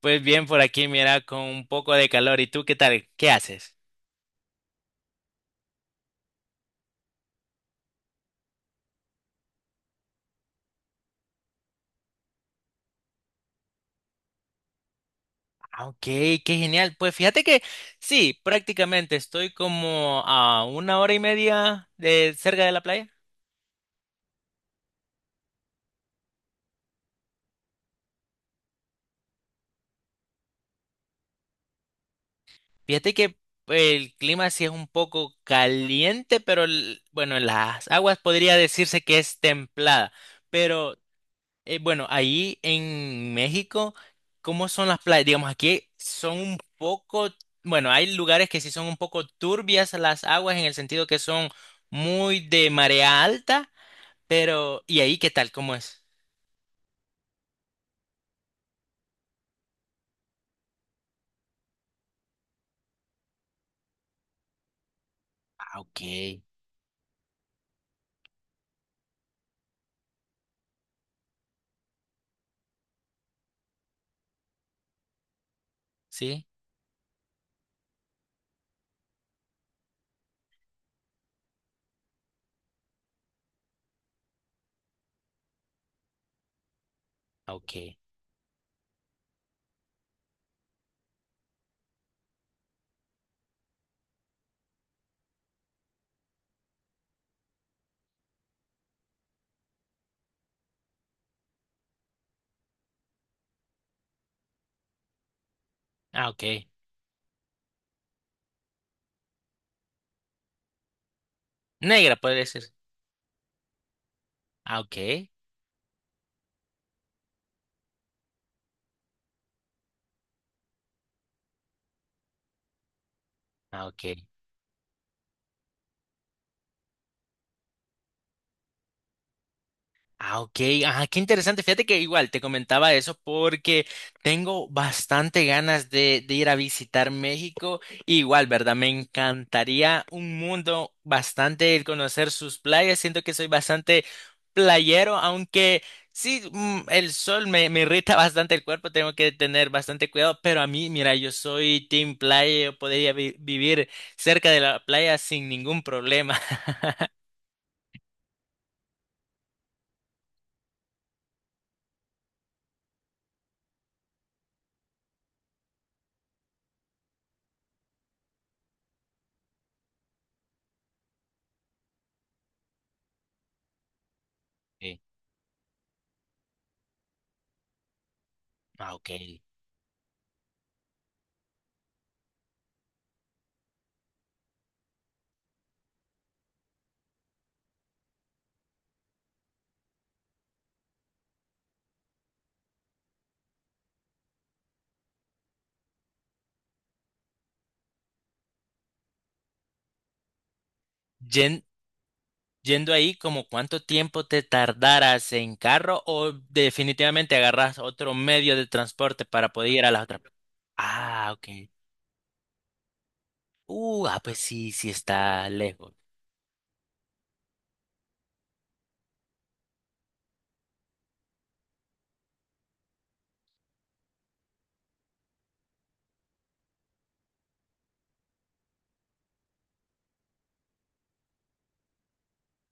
Pues bien, por aquí mira, con un poco de calor. ¿Y tú qué tal? ¿Qué haces? Ah, ok, qué genial. Pues fíjate que sí, prácticamente estoy como a 1 hora y media de cerca de la playa. Fíjate que el clima sí es un poco caliente, pero bueno, las aguas podría decirse que es templada. Pero. Bueno, ahí en México, ¿cómo son las playas? Digamos, aquí son un poco, bueno, hay lugares que sí son un poco turbias las aguas en el sentido que son muy de marea alta. Pero ¿y ahí qué tal? ¿Cómo es? Ah, ok. ¿Sí? Ah, ok. Ah, ok. Negra puede ser. Ah, ok. Ah, ok. Ah, ok. Ajá, qué interesante. Fíjate que igual te comentaba eso porque tengo bastante ganas de ir a visitar México. Igual, ¿verdad? Me encantaría un mundo bastante el conocer sus playas. Siento que soy bastante playero, aunque sí, el sol me irrita bastante el cuerpo. Tengo que tener bastante cuidado. Pero a mí, mira, yo soy team playa. Yo podría vivir cerca de la playa sin ningún problema. Sí. Ah, ok. Yen- Yendo ahí, como cuánto tiempo te tardaras en carro o definitivamente agarras otro medio de transporte para poder ir a las otras. Ah, ok. Ah, pues sí, sí está lejos.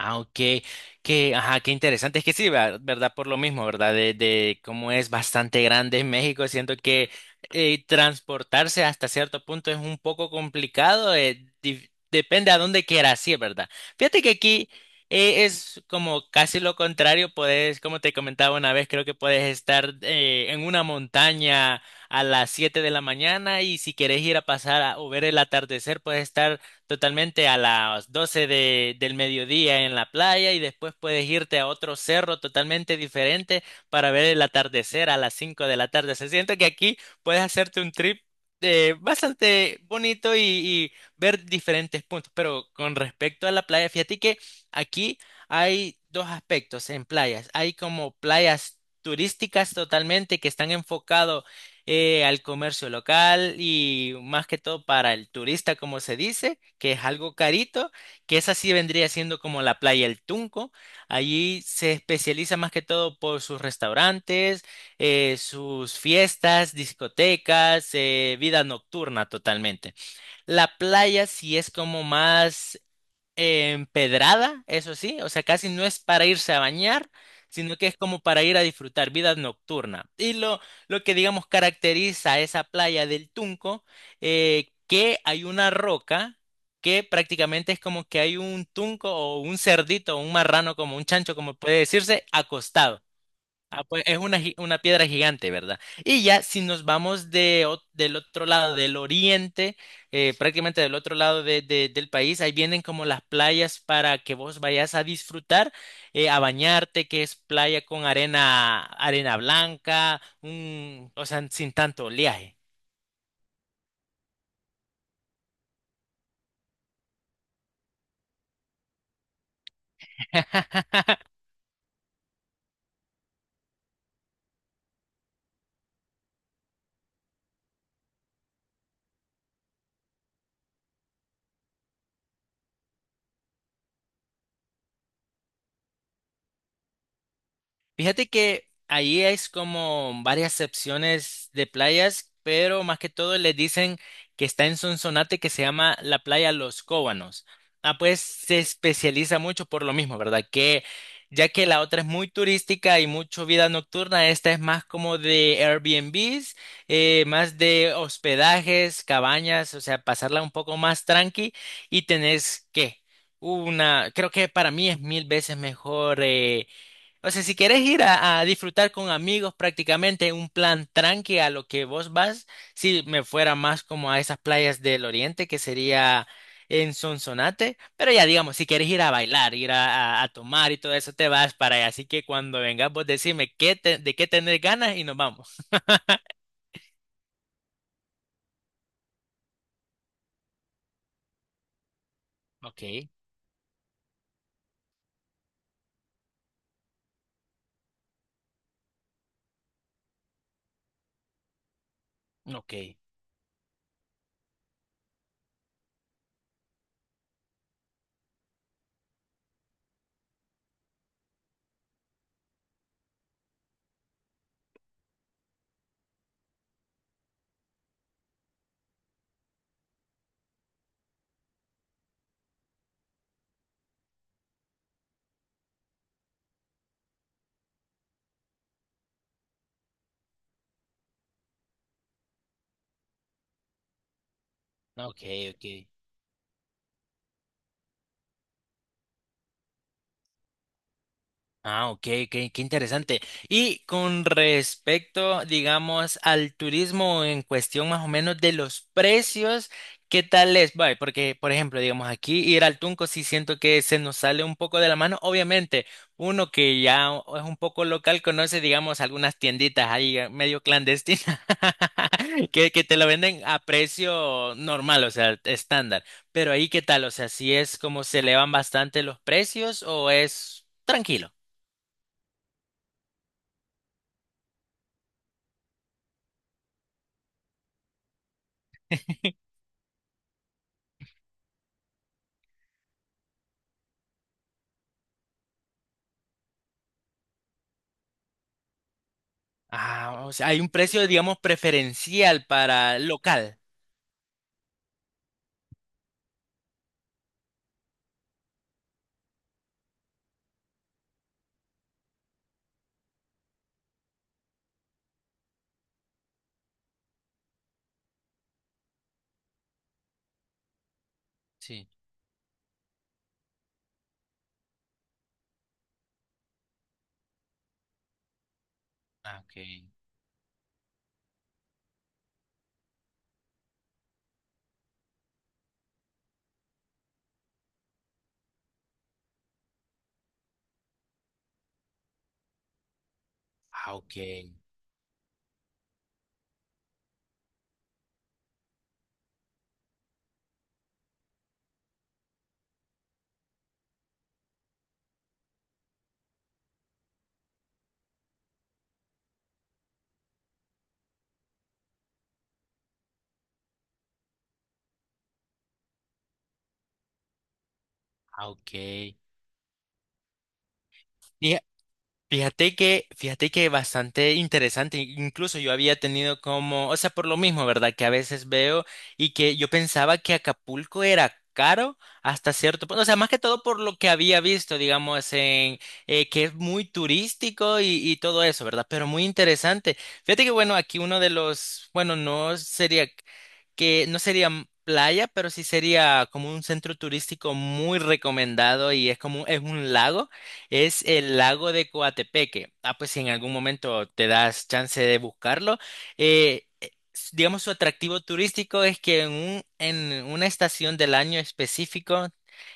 Ah, ok. Qué, ajá, qué interesante. Es que sí, ¿verdad? Por lo mismo, ¿verdad? De cómo es bastante grande México, siento que transportarse hasta cierto punto es un poco complicado. Depende a dónde quieras ir, ¿verdad? Fíjate que aquí es como casi lo contrario. Puedes, como te comentaba una vez, creo que puedes estar en una montaña a las 7 de la mañana y si quieres ir a pasar o ver el atardecer, puedes estar totalmente a las 12 del mediodía en la playa y después puedes irte a otro cerro totalmente diferente para ver el atardecer a las 5 de la tarde. Se siente que aquí puedes hacerte un trip bastante bonito y ver diferentes puntos. Pero con respecto a la playa, fíjate que aquí hay dos aspectos en playas. Hay como playas turísticas totalmente que están enfocados al comercio local y más que todo para el turista, como se dice, que es algo carito, que esa sí vendría siendo como la playa El Tunco. Allí se especializa más que todo por sus restaurantes, sus fiestas, discotecas, vida nocturna totalmente. La playa sí es como más empedrada, eso sí, o sea, casi no es para irse a bañar, sino que es como para ir a disfrutar vida nocturna. Y lo que, digamos, caracteriza a esa playa del Tunco, que hay una roca que prácticamente es como que hay un tunco o un cerdito o un marrano, como un chancho, como puede decirse, acostado. Ah, pues es una, una piedra gigante, ¿verdad? Y ya si nos vamos del otro lado, del oriente, prácticamente del otro lado del país, ahí vienen como las playas para que vos vayas a disfrutar, a bañarte, que es playa con arena, arena blanca, un, o sea, sin tanto oleaje. Fíjate que ahí es como varias secciones de playas, pero más que todo le dicen que está en Sonsonate que se llama la playa Los Cóbanos. Ah, pues se especializa mucho por lo mismo, ¿verdad? Que ya que la otra es muy turística y mucho vida nocturna, esta es más como de Airbnbs, más de hospedajes, cabañas, o sea, pasarla un poco más tranqui y tenés que una, creo que para mí es mil veces mejor. O sea, si quieres ir a disfrutar con amigos prácticamente un plan tranqui a lo que vos vas, si me fuera más como a esas playas del oriente que sería en Sonsonate, pero ya digamos, si quieres ir a bailar, ir a tomar y todo eso, te vas para allá. Así que cuando vengas vos decime de qué tenés ganas y nos vamos. Ok, ok, ok, ok. Ah, ok, qué interesante. Y con respecto, digamos, al turismo en cuestión más o menos de los precios, ¿qué tal es? Vale, porque, por ejemplo, digamos, aquí ir al Tunco sí siento que se nos sale un poco de la mano. Obviamente, uno que ya es un poco local conoce, digamos, algunas tienditas ahí medio clandestinas que te lo venden a precio normal, o sea, estándar. Pero ahí, ¿qué tal? O sea, ¿si es como se elevan bastante los precios o es tranquilo? Ah, o sea, hay un precio, digamos, preferencial para el local. Sí. Ah, ok. Ah, ok. Ah, ok. Fíjate que bastante interesante, incluso yo había tenido como, o sea, por lo mismo, ¿verdad? Que a veces veo y que yo pensaba que Acapulco era caro hasta cierto punto, o sea, más que todo por lo que había visto, digamos, en que es muy turístico y todo eso, ¿verdad? Pero muy interesante. Fíjate que, bueno, aquí uno de los, bueno, no sería que no sería playa, pero sí sería como un centro turístico muy recomendado y es como es un lago. Es el lago de Coatepeque. Ah, pues si en algún momento te das chance de buscarlo. Digamos, su atractivo turístico es que en en una estación del año específico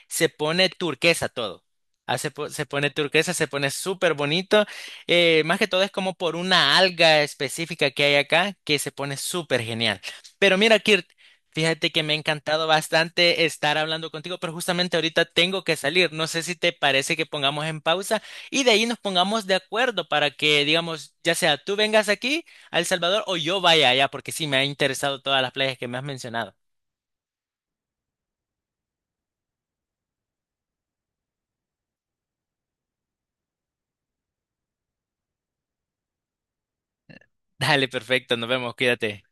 se pone turquesa todo. Ah, se pone turquesa, se pone súper bonito. Más que todo es como por una alga específica que hay acá que se pone súper genial. Pero mira, Kirt, fíjate que me ha encantado bastante estar hablando contigo, pero justamente ahorita tengo que salir. No sé si te parece que pongamos en pausa y de ahí nos pongamos de acuerdo para que, digamos, ya sea tú vengas aquí a El Salvador o yo vaya allá, porque sí me ha interesado todas las playas que me has mencionado. Dale, perfecto, nos vemos, cuídate.